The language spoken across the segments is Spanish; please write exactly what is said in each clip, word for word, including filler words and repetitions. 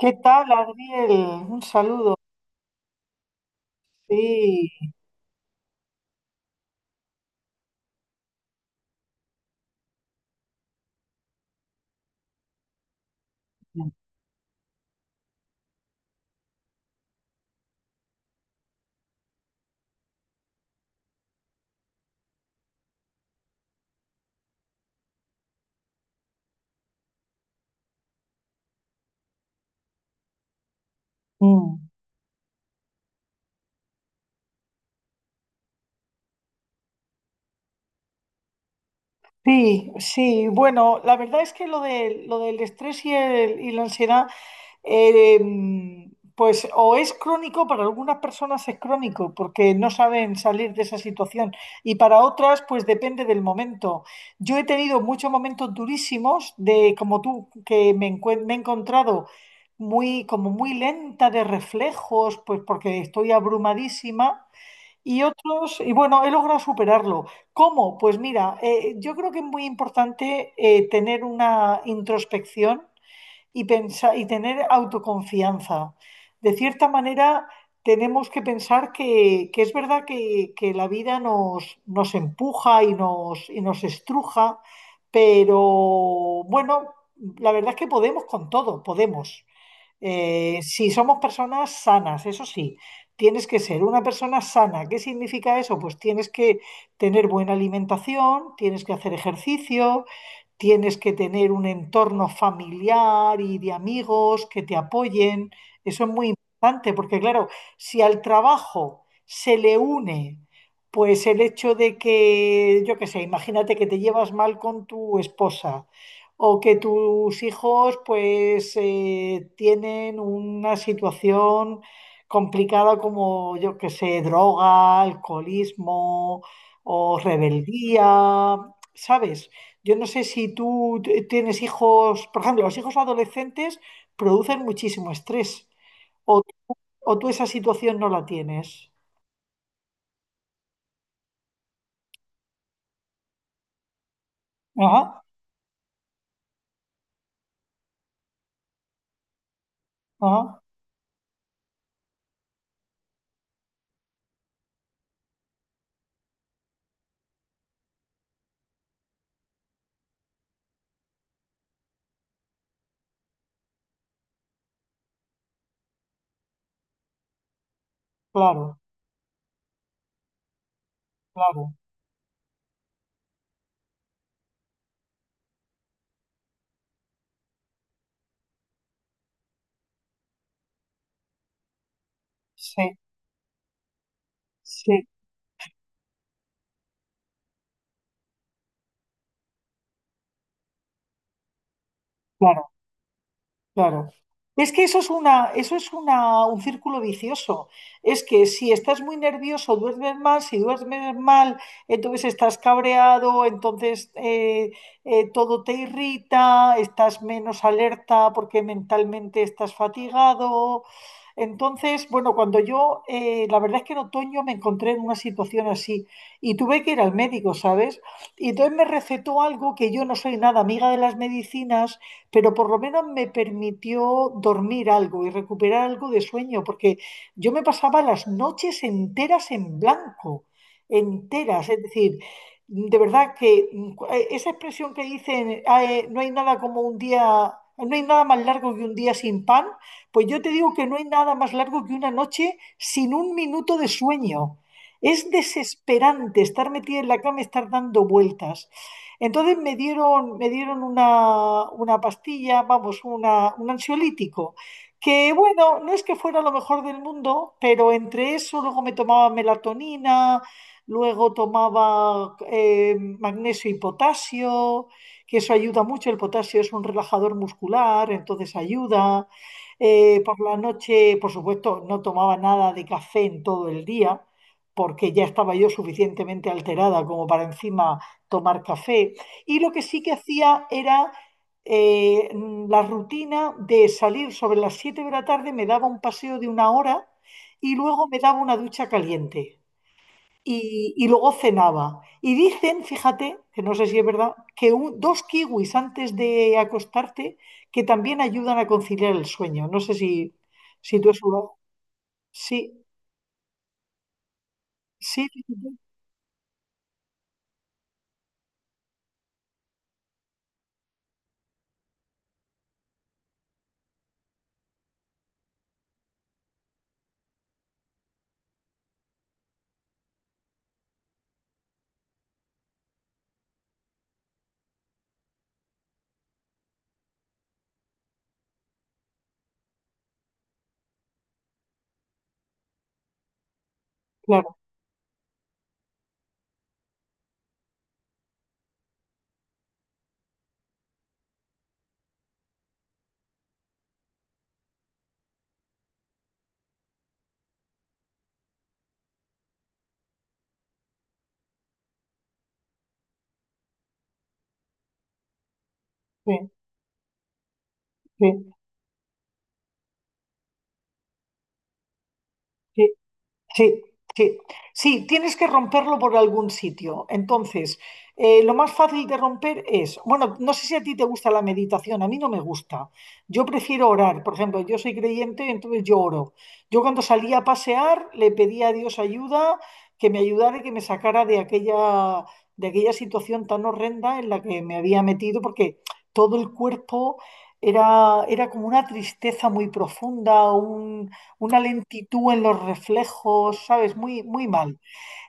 ¿Qué tal, Adriel? Un saludo. Sí. Mm. Sí, sí. Bueno, la verdad es que lo de, lo del estrés y, el- y la ansiedad, eh, mm, pues o es crónico, para algunas personas es crónico, porque no saben salir de esa situación, y para otras, pues depende del momento. Yo he tenido muchos momentos durísimos de, como tú, que me, encuen- me he encontrado muy, como muy lenta de reflejos, pues porque estoy abrumadísima. Y otros, y bueno, he logrado superarlo. ¿Cómo? Pues mira, eh, yo creo que es muy importante eh, tener una introspección y pensar y tener autoconfianza. De cierta manera, tenemos que pensar que, que es verdad que, que la vida nos, nos empuja y nos, y nos estruja, pero bueno, la verdad es que podemos con todo, podemos. Eh, si somos personas sanas, eso sí, tienes que ser una persona sana. ¿Qué significa eso? Pues tienes que tener buena alimentación, tienes que hacer ejercicio, tienes que tener un entorno familiar y de amigos que te apoyen. Eso es muy importante porque, claro, si al trabajo se le une, pues el hecho de que, yo qué sé, imagínate que te llevas mal con tu esposa o que tus hijos pues eh, tienen una situación complicada como yo que sé, droga, alcoholismo o rebeldía, ¿sabes? Yo no sé si tú t- tienes hijos, por ejemplo, los hijos adolescentes producen muchísimo estrés o, o tú esa situación no la tienes. Ajá, ajá, claro, claro, sí, sí, claro. Claro. Es que eso es una, eso es una, un círculo vicioso. Es que si estás muy nervioso, duermes mal, si duermes mal, entonces estás cabreado, entonces eh, eh, todo te irrita, estás menos alerta porque mentalmente estás fatigado. Entonces, bueno, cuando yo, eh, la verdad es que en otoño me encontré en una situación así y tuve que ir al médico, ¿sabes? Y entonces me recetó algo que yo no soy nada amiga de las medicinas, pero por lo menos me permitió dormir algo y recuperar algo de sueño, porque yo me pasaba las noches enteras en blanco, enteras, es decir, de verdad que mm, cu- eh, esa expresión que dicen, "Ah, eh, no hay nada como un día, no hay nada más largo que un día sin pan, Pues yo te digo que no hay nada más largo que una noche sin un minuto de sueño. Es desesperante estar metida en la cama, estar dando vueltas. Entonces me dieron, me dieron una, una pastilla, vamos, una- un ansiolítico, que bueno, no es que fuera lo mejor del mundo, pero entre eso luego me tomaba melatonina, luego tomaba eh, magnesio y potasio, que eso ayuda mucho, el potasio es un relajador muscular, entonces ayuda. Eh, por la noche, por supuesto, no tomaba nada de café en todo el día, porque ya estaba yo suficientemente alterada como para encima tomar café. Y lo que sí que hacía era eh, la rutina de salir sobre las siete de la tarde, me daba un paseo de una hora y luego me daba una ducha caliente. Y, y luego cenaba. Y dicen, fíjate, que no sé si es verdad, que un- dos kiwis antes de acostarte que también ayudan a conciliar el sueño. No sé si, si tú has jugado. Sí, sí, sí, sí, sí, claro, sí, sí, sí. Sí, sí, sí, tienes que romperlo por algún sitio. Entonces, eh, lo más fácil de romper es, bueno, no sé si a ti te gusta la meditación, a mí no me gusta. Yo prefiero orar, por ejemplo, yo soy creyente, entonces yo oro. Yo cuando salía a pasear le pedía a Dios ayuda, que me ayudara y que me sacara de aquella, de aquella, situación tan horrenda en la que me había metido, porque todo el cuerpo era, era como una tristeza muy profunda, una lentitud en los reflejos, ¿sabes? Muy, muy mal.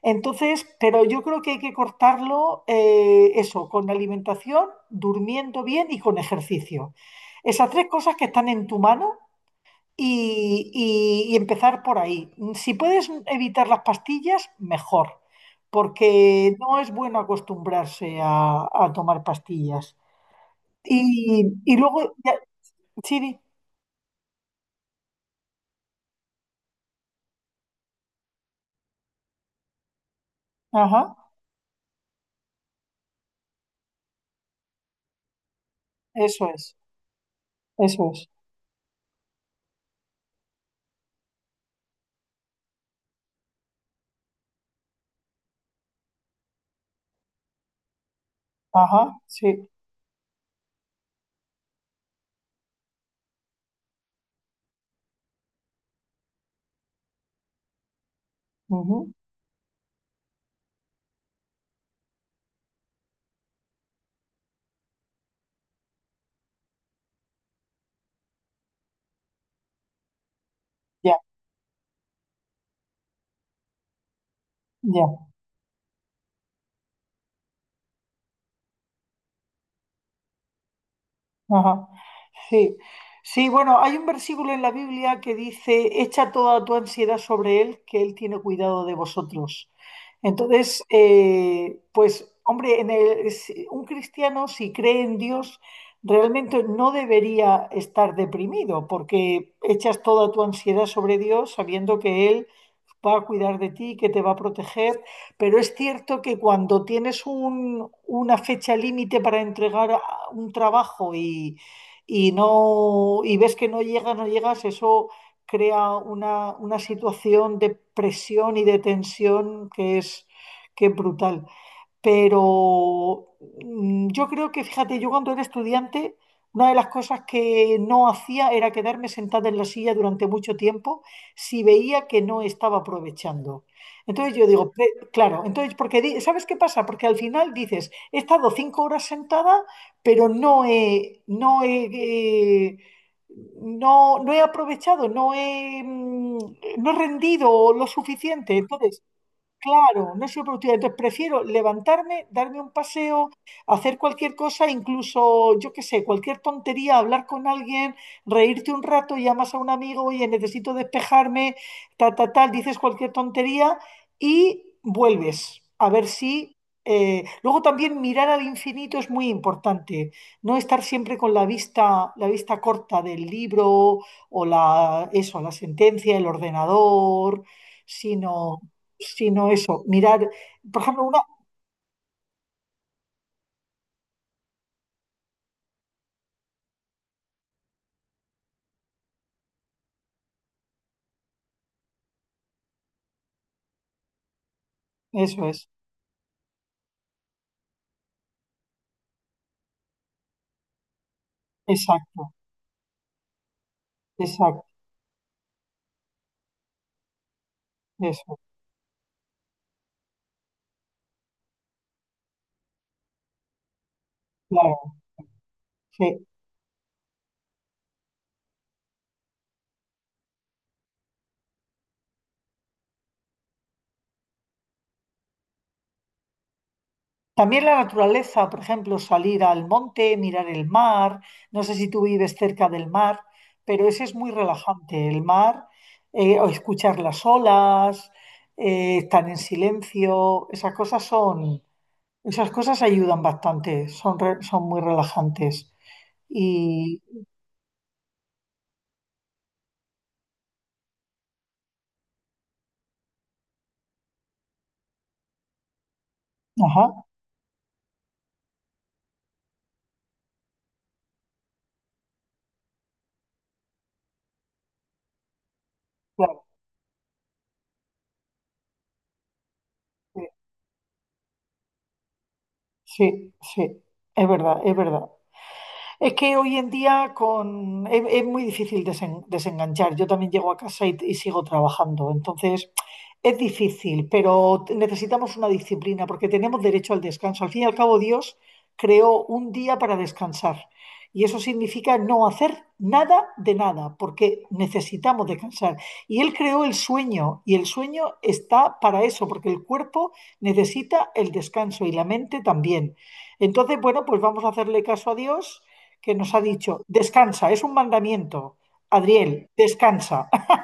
Entonces, pero yo creo que hay que cortarlo, eh, eso, con alimentación, durmiendo bien y con ejercicio. Esas tres cosas que están en tu mano y, y- y empezar por ahí. Si puedes evitar las pastillas, mejor, porque no es bueno acostumbrarse a, a tomar pastillas. Y, y luego, ya, sí, di. Ajá, eso es, eso es, ajá, sí. Ujú. Ya, ya, ajá. Sí. Sí, bueno, hay un versículo en la Biblia que dice, echa toda tu ansiedad sobre Él, que Él tiene cuidado de vosotros. Entonces, eh, pues, hombre, en el- si- un cristiano, si cree en Dios, realmente no debería estar deprimido, porque echas toda tu ansiedad sobre Dios sabiendo que Él va a cuidar de ti, que te va a proteger, pero es cierto que cuando tienes un- una fecha límite para entregar a- un trabajo y, y no, y ves que no llegas, no llegas, eso crea una, una situación de presión y de tensión que es, que es brutal. Pero mm, yo creo que, fíjate, yo cuando era estudiante, una de las cosas que no hacía era quedarme sentada en la silla durante mucho tiempo si veía que no estaba aprovechando. Entonces yo digo, "Pe- claro, entonces, porque, di- ¿sabes qué pasa? Porque al final dices, he estado cinco horas sentada, pero no he, no he, eh, no, no he aprovechado, no he, mm, no he rendido lo suficiente. Entonces, claro, no soy productiva. Entonces prefiero levantarme, darme un paseo, hacer cualquier cosa, incluso, yo qué sé, cualquier tontería, hablar con alguien, reírte un rato, llamas a un amigo, oye, necesito despejarme, ta, ta, tal, dices cualquier tontería y vuelves a ver si... eh, Luego también mirar al infinito es muy importante, no estar siempre con la vista, la vista corta del libro o la, eso, la sentencia, el ordenador, sino sino eso, mirar, por ejemplo, una, eso es, exacto, exacto, eso, claro, sí. También la naturaleza, por ejemplo, salir al monte, mirar el mar, no sé si tú vives cerca del mar, pero ese es muy relajante, el mar, eh, o escuchar las olas, eh, estar en silencio, esas cosas son, esas cosas ayudan bastante, son, re- son muy relajantes. Y, ajá, claro, sí, sí, sí, es verdad, es verdad. Es que hoy en día con... es, es muy difícil desen- desenganchar. Yo también llego a casa y, y sigo trabajando. Entonces, es difícil, pero t- necesitamos una disciplina porque tenemos derecho al descanso. Al fin y al cabo, Dios creó un día para descansar. Y eso significa no hacer nada de nada, porque necesitamos descansar. Y Él creó el sueño, y el sueño está para eso, porque el cuerpo necesita el descanso y la mente también. Entonces, bueno, pues vamos a hacerle caso a Dios que nos ha dicho, descansa, es un mandamiento. Adriel, descansa.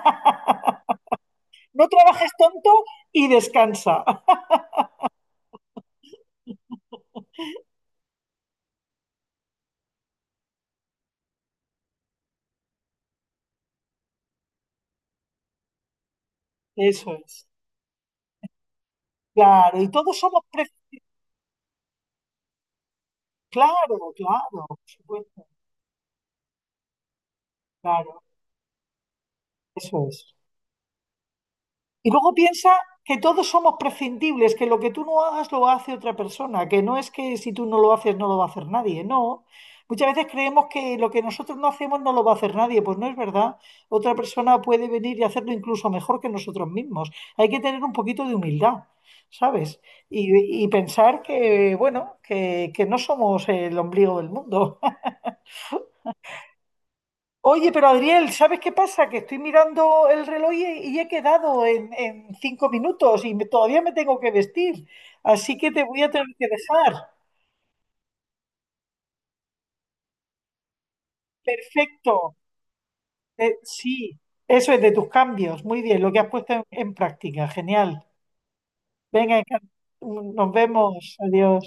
No trabajes tonto y descansa. Eso es. Claro, y todos somos... pre- Claro, claro, por supuesto, claro, eso es. Y luego piensa que todos somos prescindibles, que lo que tú no hagas lo hace otra persona, que no es que si tú no lo haces no lo va a hacer nadie, no. Muchas veces creemos que lo que nosotros no hacemos no lo va a hacer nadie, pues no es verdad. Otra persona puede venir y hacerlo incluso mejor que nosotros mismos. Hay que tener un poquito de humildad, ¿sabes? Y, y pensar que, bueno, que, que no somos el ombligo del mundo. Oye, pero Adriel, ¿sabes qué pasa? Que estoy mirando el reloj y, y he quedado en, en cinco minutos y me- todavía me tengo que vestir. Así que te voy a tener que dejar. Perfecto. Eh, sí, eso es de tus cambios. Muy bien, lo que has puesto en, en práctica. Genial. Venga, encan- nos vemos. Adiós.